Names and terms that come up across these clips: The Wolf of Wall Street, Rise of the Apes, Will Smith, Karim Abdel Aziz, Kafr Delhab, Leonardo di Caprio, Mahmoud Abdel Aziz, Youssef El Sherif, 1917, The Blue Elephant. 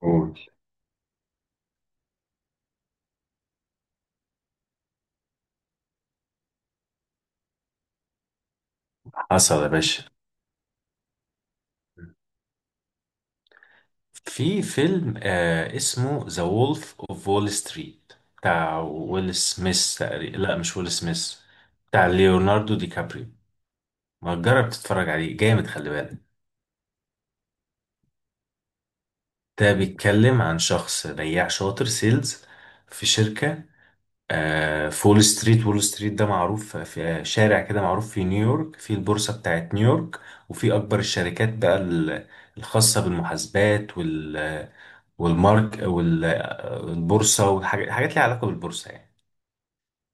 قول. حصل يا باشا. في فيلم اسمه ذا وولف اوف وول ستريت، بتاع ويل سميث تقريبا. لا، مش ويل سميث، بتاع ليوناردو دي كابريو. ما تجرب تتفرج عليه، جامد، خلي بالك. ده بيتكلم عن شخص بياع شاطر، سيلز في شركة. في وول ستريت. وول ستريت ده معروف، في شارع كده معروف في نيويورك، في البورصة بتاعت نيويورك. وفي أكبر الشركات بقى، الخاصة بالمحاسبات والمارك والبورصة والحاجات، حاجات ليها علاقة بالبورصة يعني.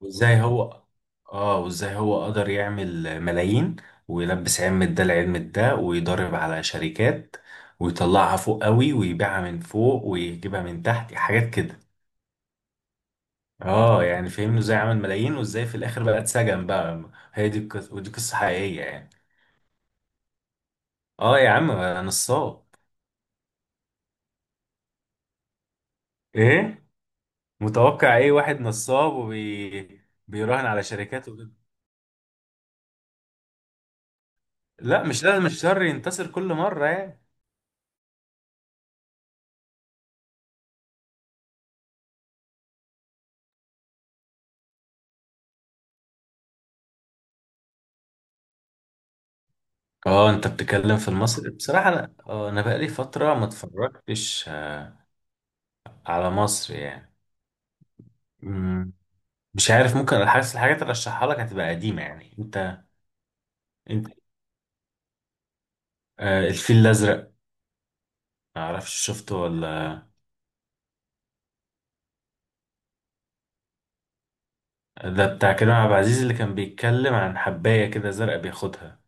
وازاي هو اه وازاي هو قدر يعمل ملايين، ويلبس علم ده لعلم ده، ويضرب على شركات ويطلعها فوق قوي ويبيعها من فوق ويجيبها من تحت، حاجات كده. اه يعني، فهمنا ازاي عمل ملايين، وازاي في الاخر بقى اتسجن بقى. هي دي القصة، ودي قصة حقيقية يعني. اه، يا عم، أنا نصاب. ايه؟ متوقع ايه؟ واحد نصاب بيراهن على شركات. لا، مش لازم الشر ينتصر كل مرة يعني. اه، انت بتتكلم في المصري؟ بصراحة انا بقالي فترة ما اتفرجتش على مصر يعني. مم، مش عارف، ممكن حاسس الحاجات اللي ارشحها لك هتبقى قديمة يعني. انت انت آه الفيل الازرق، ما اعرفش شفته ولا؟ ده بتاع كريم عبد العزيز اللي كان بيتكلم عن حباية كده زرقاء بياخدها.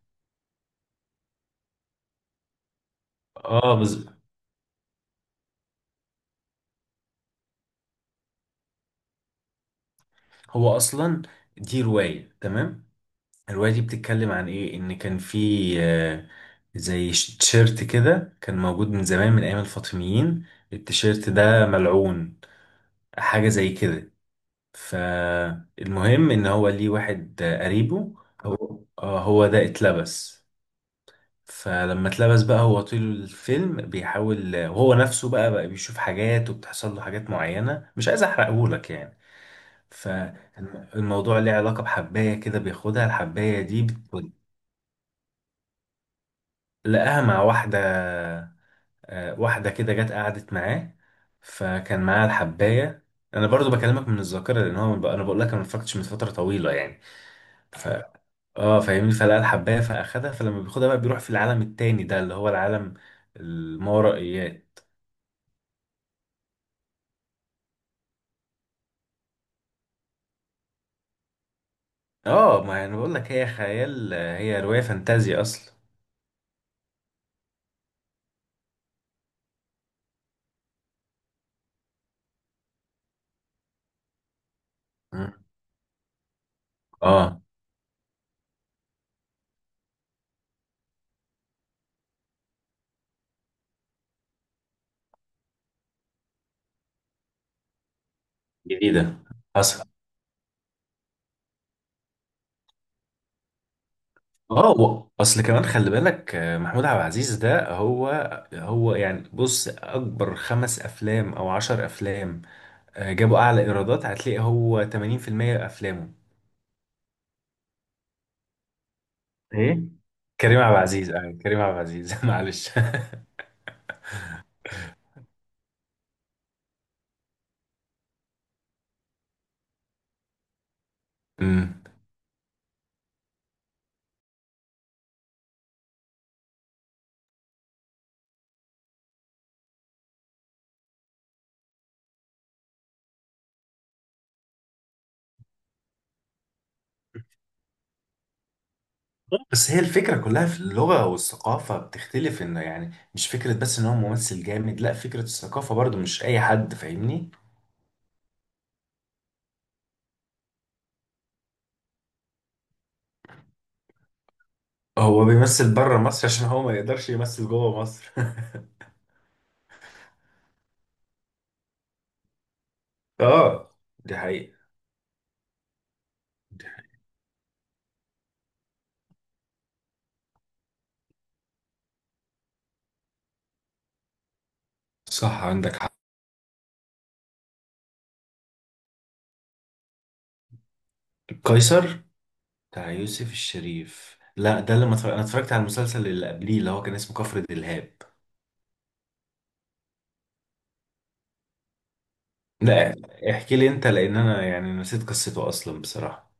اه بز... هو اصلا، دي رواية، تمام. الرواية دي بتتكلم عن ايه؟ ان كان في آه، زي تيشيرت كده كان موجود من زمان، من ايام الفاطميين. التيشيرت ده ملعون، حاجة زي كده. فالمهم ان هو ليه واحد قريبه. هو ده اتلبس. فلما اتلبس بقى، هو طول الفيلم بيحاول، وهو نفسه بقى بيشوف حاجات، وبتحصل له حاجات معينة. مش عايز احرقهولك يعني. فالموضوع ليه علاقة بحباية كده، بياخدها الحباية دي. لقاها مع واحدة، واحدة كده جت قعدت معاه، فكان معاها الحباية. أنا برضو بكلمك من الذاكرة، لأن هو، أنا بقول لك، أنا ما اتفرجتش من فترة طويلة يعني. ف اه فاهمني. فلقى الحباية فأخدها. فلما بياخدها بقى، بيروح في العالم التاني، ده اللي هو العالم الماورائيات. اه، ما أنا بقول لك، هي خيال، هي رواية فانتازيا أصلا. مم. اه، جديدة. حصل. اه، اصل كمان، خلي بالك، محمود عبد العزيز ده، هو يعني بص، اكبر خمس افلام او عشر افلام، جابوا اعلى ايرادات، هتلاقي هو 80% افلامه. ايه؟ كريم عبد العزيز. آه، كريم عبد العزيز، معلش. أمم. بس هي الفكرة كلها في اللغة والثقافة بتختلف، انه يعني مش فكرة بس ان هو ممثل جامد، لا، فكرة الثقافة برضو، مش اي حد فاهمني. هو بيمثل بره مصر عشان هو ما يقدرش يمثل جوه مصر. اه، دي حقيقة. صح، عندك حق. قيصر. بتاع يوسف الشريف؟ لا، ده اللي ما انا اتفرجت على المسلسل اللي قبليه، اللي هو كان اسمه كفر دلهاب. لا، احكي لي انت، لان انا يعني نسيت قصته اصلا بصراحة.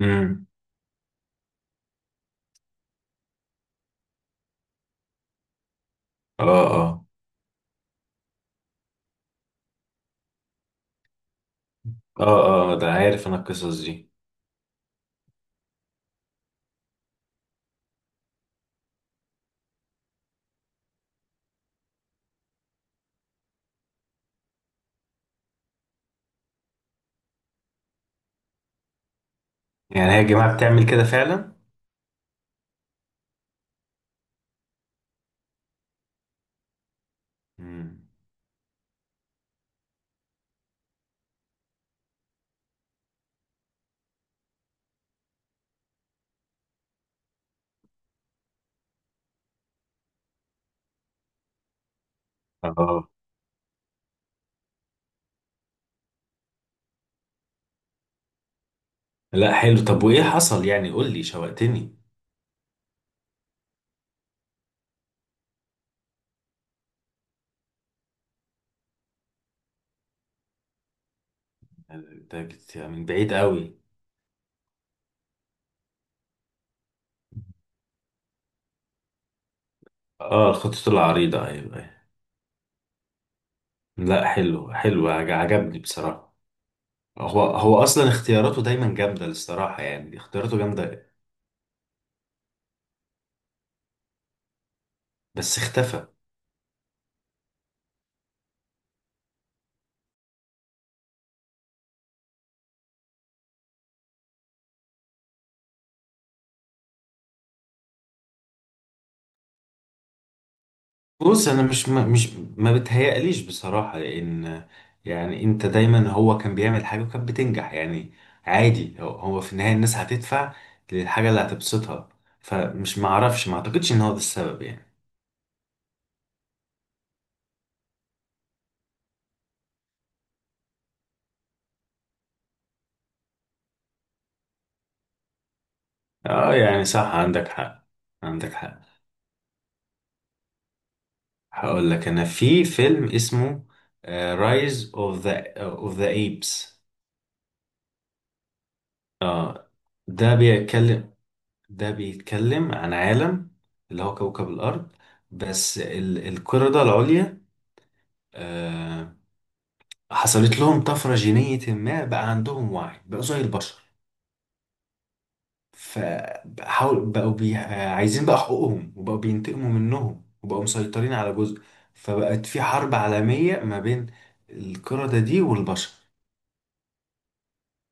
امم. اه. اه. اه. اه. ده عارف، انا القصص دي. يعني هي يا جماعة بتعمل كده فعلا؟ امم. اه. لا، حلو. طب وايه حصل يعني؟ قول لي، شوقتني. من بعيد قوي. اه، الخطوط العريضة، ايوه، أيوة. لا، حلو حلو. عجبني بصراحة. هو اصلا اختياراته دايما جامده، الصراحه يعني، اختياراته جامده. بس اختفى. بص، انا مش ما بتهيأليش بصراحه، لان يعني، انت دايما هو كان بيعمل حاجه وكانت بتنجح يعني. عادي، هو في النهايه الناس هتدفع للحاجه اللي هتبسطها. فمش معرفش، ما اعتقدش ان هو ده السبب يعني. اه يعني، صح، عندك حق، عندك حق. هقول لك، انا في فيلم اسمه رايز اوف ذا ايبس. اه، Rise of the Apes. ده بيتكلم ده بيتكلم عن عالم، اللي هو كوكب الأرض، بس القردة العليا آه، حصلت لهم طفرة جينية، ما بقى عندهم وعي، بقوا زي البشر. فحاول بقوا بي... آه، عايزين بقى حقوقهم، وبقوا بينتقموا منهم، وبقوا مسيطرين على جزء. فبقت في حرب عالمية ما بين القردة دي والبشر.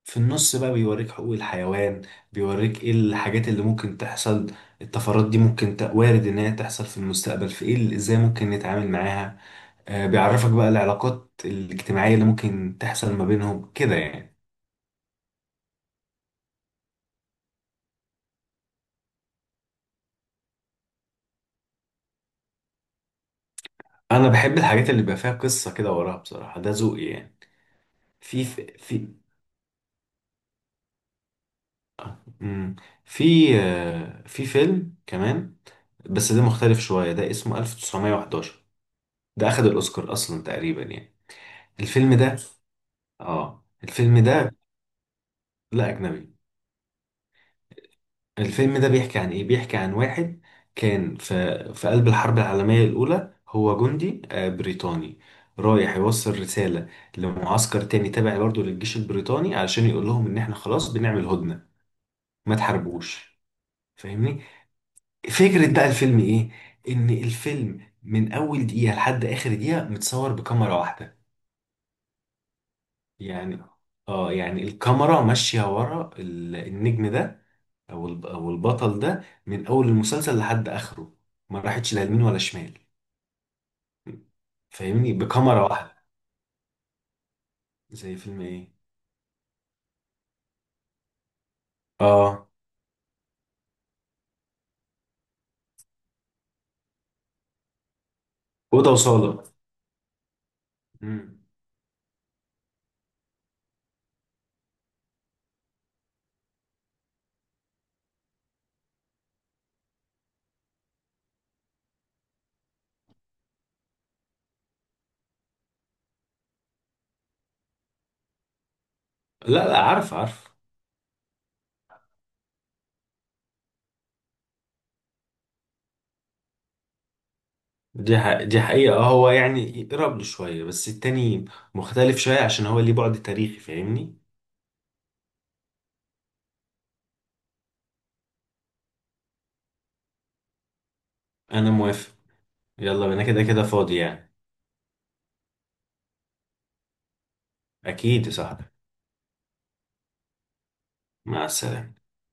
في النص بقى بيوريك حقوق الحيوان، بيوريك ايه الحاجات اللي ممكن تحصل. الطفرات دي ممكن وارد ان هي تحصل في المستقبل، ازاي ممكن نتعامل معاها. آه، بيعرفك بقى العلاقات الاجتماعية اللي ممكن تحصل ما بينهم كده يعني. انا بحب الحاجات اللي بيبقى فيها قصة كده وراها بصراحة، ده ذوقي يعني. في في في مم، في آه، في فيلم كمان، بس ده مختلف شوية، ده اسمه 1911. ده اخد الاوسكار اصلا تقريبا يعني. الفيلم ده اه الفيلم ده، لا، أجنبي. الفيلم ده بيحكي عن إيه؟ بيحكي عن واحد كان في قلب الحرب العالمية الأولى. هو جندي بريطاني، رايح يوصل رسالة لمعسكر تاني تابع برضه للجيش البريطاني، علشان يقول لهم إن إحنا خلاص بنعمل هدنة، ما تحاربوش. فاهمني؟ فكرة بقى الفيلم إيه؟ إن الفيلم من أول دقيقة لحد آخر دقيقة متصور بكاميرا واحدة. يعني يعني الكاميرا ماشية ورا النجم ده، او البطل ده من اول المسلسل لحد اخره، ما راحتش لا يمين ولا شمال. فاهمني؟ بكاميرا واحده. زي فيلم ايه؟ اه. اوضه وصاله. مم. لا، لا، عارف، عارف. دي دي حقيقه، هو يعني يقرب له شويه، بس التاني مختلف شويه عشان هو ليه بعد تاريخي، فاهمني. انا موافق. يلا، انا كده كده فاضي يعني. اكيد يا صاحبي. مع السلامه.